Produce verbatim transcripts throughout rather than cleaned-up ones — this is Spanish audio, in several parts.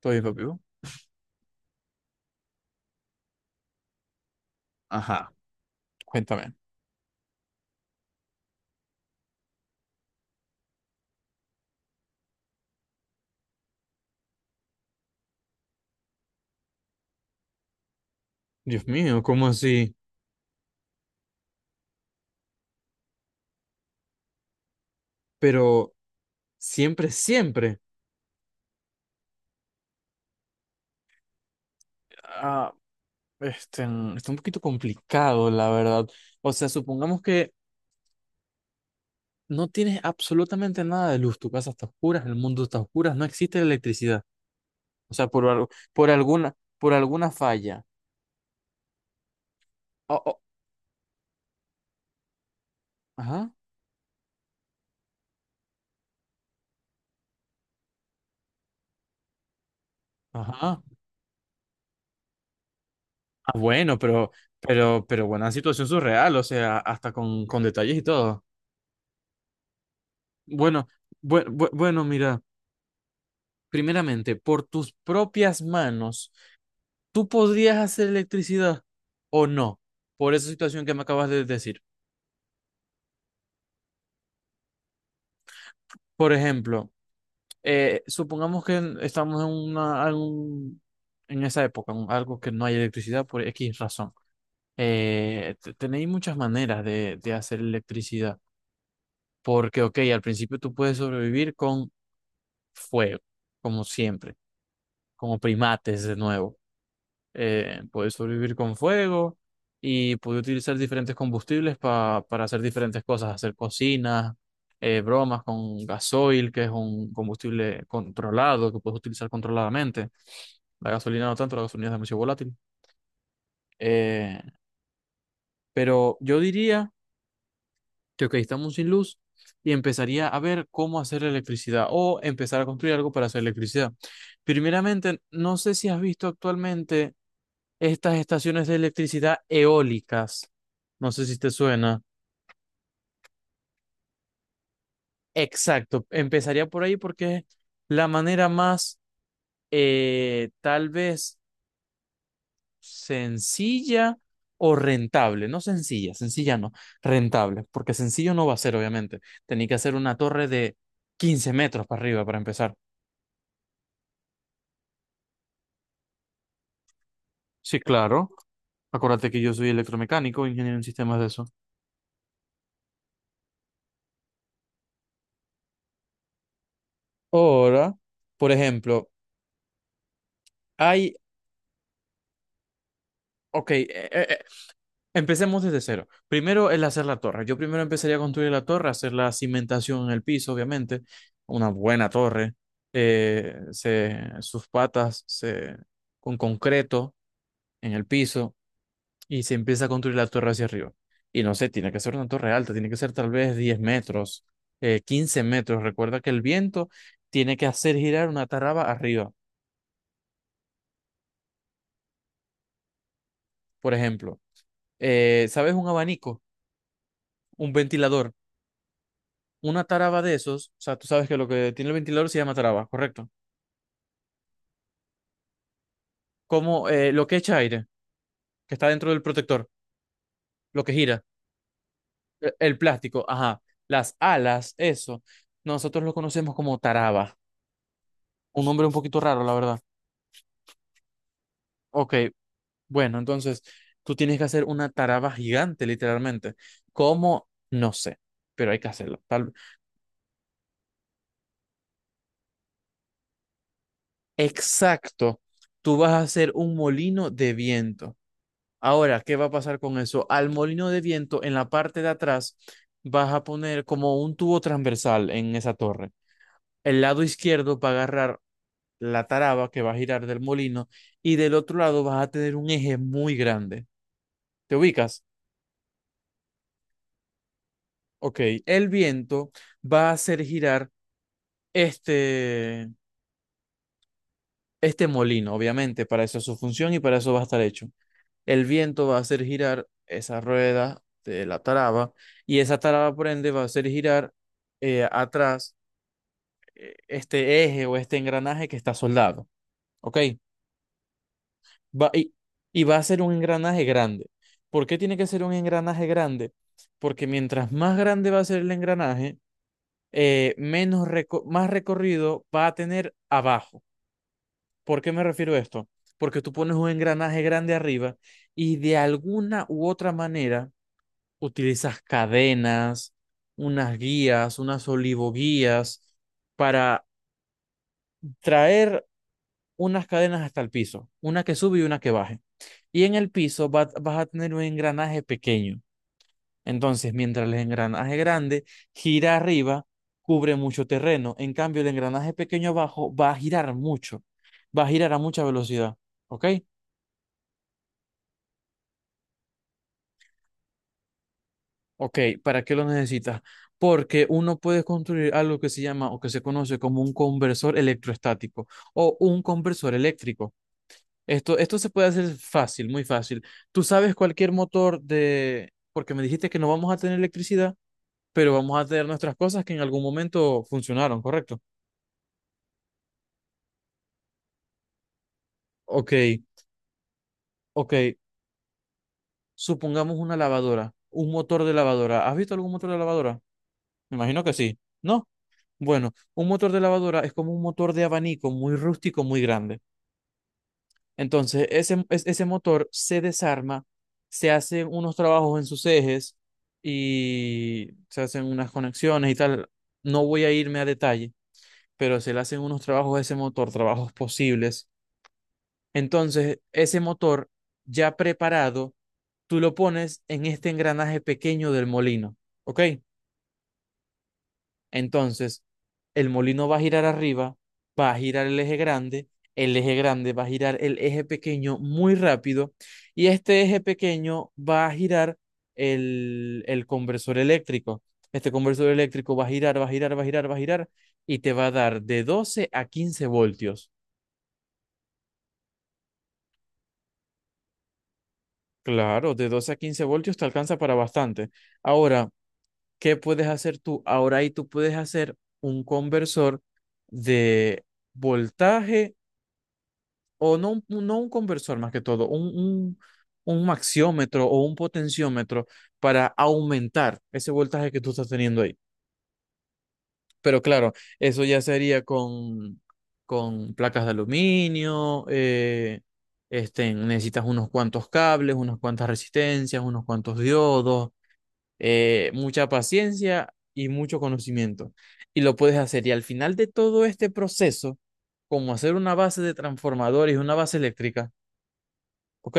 ¿Todavía lo vivo? Ajá, cuéntame. Dios mío, ¿cómo así? Pero siempre, siempre. Ah, este, mm, está un poquito complicado, la verdad. O sea, supongamos que no tienes absolutamente nada de luz. Tu casa está oscura, el mundo está oscura, no existe la electricidad. O sea, por algo, por alguna, por alguna falla. Oh, oh. Ajá, ajá. Ah, bueno, pero, pero, pero buena situación surreal, o sea, hasta con, con detalles y todo. Bueno, bue- bue- bueno, mira. Primeramente, por tus propias manos, ¿tú podrías hacer electricidad o no? Por esa situación que me acabas de decir. Por ejemplo, eh, supongamos que en- estamos en una, en en esa época, en algo que no hay electricidad por X razón. Eh, te- tenéis muchas maneras de, de hacer electricidad, porque, ok, al principio tú puedes sobrevivir con fuego, como siempre, como primates de nuevo. Eh, puede sobrevivir con fuego y puede utilizar diferentes combustibles pa- para hacer diferentes cosas, hacer cocinas, eh, bromas con gasoil, que es un combustible controlado que puedes utilizar controladamente. La gasolina no tanto, la gasolina es demasiado volátil. Eh, pero yo diría que, ok, estamos sin luz y empezaría a ver cómo hacer electricidad o empezar a construir algo para hacer electricidad. Primeramente, no sé si has visto actualmente estas estaciones de electricidad eólicas. No sé si te suena. Exacto, empezaría por ahí porque es la manera más eh, tal vez sencilla o rentable. No sencilla, sencilla no, rentable, porque sencillo no va a ser, obviamente. Tenía que hacer una torre de quince metros para arriba para empezar. Sí, claro. Acuérdate que yo soy electromecánico, ingeniero en sistemas de eso. Ahora, por ejemplo, hay, ok, eh, eh, empecemos desde cero. Primero el hacer la torre. Yo primero empezaría a construir la torre, hacer la cimentación en el piso, obviamente. Una buena torre. Eh, se, sus patas se, con concreto en el piso, y se empieza a construir la torre hacia arriba. Y no sé, tiene que ser una torre alta, tiene que ser tal vez diez metros, eh, quince metros. Recuerda que el viento tiene que hacer girar una taraba arriba. Por ejemplo, eh, ¿sabes un abanico? Un ventilador, una taraba de esos, o sea, tú sabes que lo que tiene el ventilador se llama taraba, ¿correcto? Como eh, lo que echa aire, que está dentro del protector, lo que gira, e- el plástico, ajá, las alas, eso, nosotros lo conocemos como taraba, un nombre un poquito raro, la verdad. Ok, bueno, entonces tú tienes que hacer una taraba gigante, literalmente. ¿Cómo? No sé, pero hay que hacerlo. Tal... Exacto, tú vas a hacer un molino de viento. Ahora, ¿qué va a pasar con eso? Al molino de viento, en la parte de atrás, vas a poner como un tubo transversal en esa torre. El lado izquierdo va a agarrar la taraba que va a girar del molino, y del otro lado vas a tener un eje muy grande. ¿Te ubicas? Ok, el viento va a hacer girar este, este molino, obviamente, para eso es su función y para eso va a estar hecho. El viento va a hacer girar esa rueda de la taraba y esa taraba por ende va a hacer girar eh, atrás eh, este eje o este engranaje que está soldado, ¿ok? Va, y, y va a ser un engranaje grande. ¿Por qué tiene que ser un engranaje grande? Porque mientras más grande va a ser el engranaje, eh, menos reco- más recorrido va a tener abajo. ¿Por qué me refiero a esto? Porque tú pones un engranaje grande arriba y de alguna u otra manera utilizas cadenas, unas guías, unas olivoguías para traer unas cadenas hasta el piso, una que sube y una que baje. Y en el piso va- vas a tener un engranaje pequeño. Entonces, mientras el engranaje grande gira arriba, cubre mucho terreno. En cambio, el engranaje pequeño abajo va a girar mucho, va a girar a mucha velocidad. ¿Ok? Ok, ¿para qué lo necesitas? Porque uno puede construir algo que se llama o que se conoce como un conversor electrostático o un conversor eléctrico. Esto, esto se puede hacer fácil, muy fácil. Tú sabes cualquier motor de... Porque me dijiste que no vamos a tener electricidad, pero vamos a tener nuestras cosas que en algún momento funcionaron, ¿correcto? Ok, ok. Supongamos una lavadora, un motor de lavadora. ¿Has visto algún motor de lavadora? Me imagino que sí. ¿No? Bueno, un motor de lavadora es como un motor de abanico muy rústico, muy grande. Entonces, ese, es- ese motor se desarma, se hacen unos trabajos en sus ejes y se hacen unas conexiones y tal. No voy a irme a detalle, pero se le hacen unos trabajos a ese motor, trabajos posibles. Entonces, ese motor ya preparado, tú lo pones en este engranaje pequeño del molino, ¿ok? Entonces, el molino va a girar arriba, va a girar el eje grande, el eje grande va a girar el eje pequeño muy rápido y este eje pequeño va a girar el, el conversor eléctrico. Este conversor eléctrico va a girar, va a girar, va a girar, va a girar, y te va a dar de doce a quince voltios. Claro, de doce a quince voltios te alcanza para bastante. Ahora, ¿qué puedes hacer tú? Ahora ahí tú puedes hacer un conversor de voltaje o no, un- no un conversor, más que todo un, un, un maxiómetro o un potenciómetro para aumentar ese voltaje que tú estás teniendo ahí. Pero claro, eso ya sería con, con, placas de aluminio, eh, este, necesitas unos cuantos cables, unas cuantas resistencias, unos cuantos diodos, eh, mucha paciencia y mucho conocimiento. Y lo puedes hacer. Y al final de todo este proceso, como hacer una base de transformadores, una base eléctrica, ¿ok?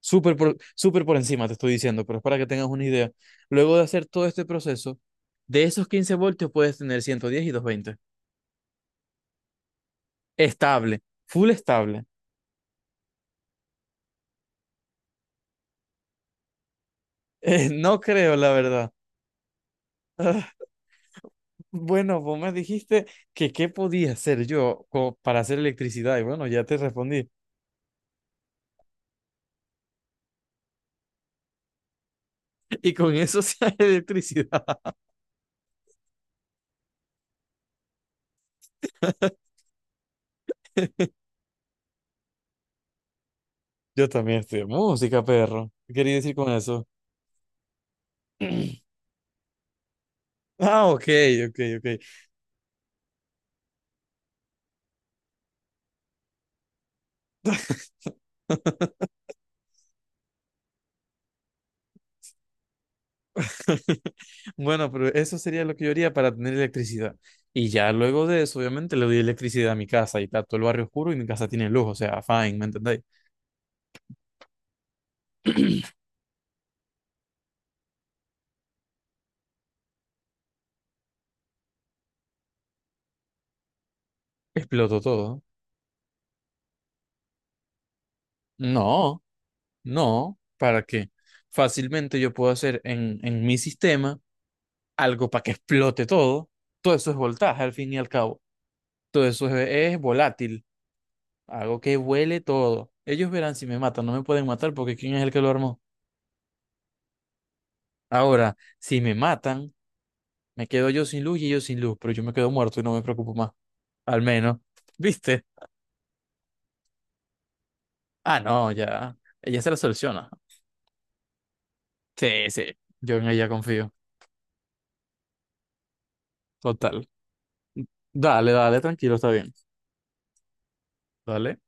Súper por, súper por encima te estoy diciendo, pero es para que tengas una idea. Luego de hacer todo este proceso, de esos quince voltios puedes tener ciento diez y doscientos veinte. Estable, full estable. Eh, no creo, la verdad. Bueno, vos me dijiste que qué podía hacer yo co- para hacer electricidad y bueno, ya te respondí. Y con eso se hace electricidad. Yo también estudio música, perro. ¿Qué quería decir con eso? Ah, ok, ok, ok. Bueno, pero eso sería lo que yo haría para tener electricidad. Y ya luego de eso, obviamente, le doy electricidad a mi casa y está todo el barrio oscuro y mi casa tiene luz, o sea, fine, ¿me entendéis? Exploto todo. No, no, ¿para qué? Fácilmente yo puedo hacer en, en, mi sistema algo para que explote todo. Todo eso es voltaje, al fin y al cabo. Todo eso es, es volátil. Hago que vuele todo. Ellos verán si me matan, no me pueden matar porque ¿quién es el que lo armó? Ahora, si me matan... Me quedo yo sin luz y ellos sin luz, pero yo me quedo muerto y no me preocupo más. Al menos. ¿Viste? Ah, no, ya. Ella se la soluciona. Sí, sí. Yo en ella confío. Total. Dale, dale, tranquilo, está bien. Dale.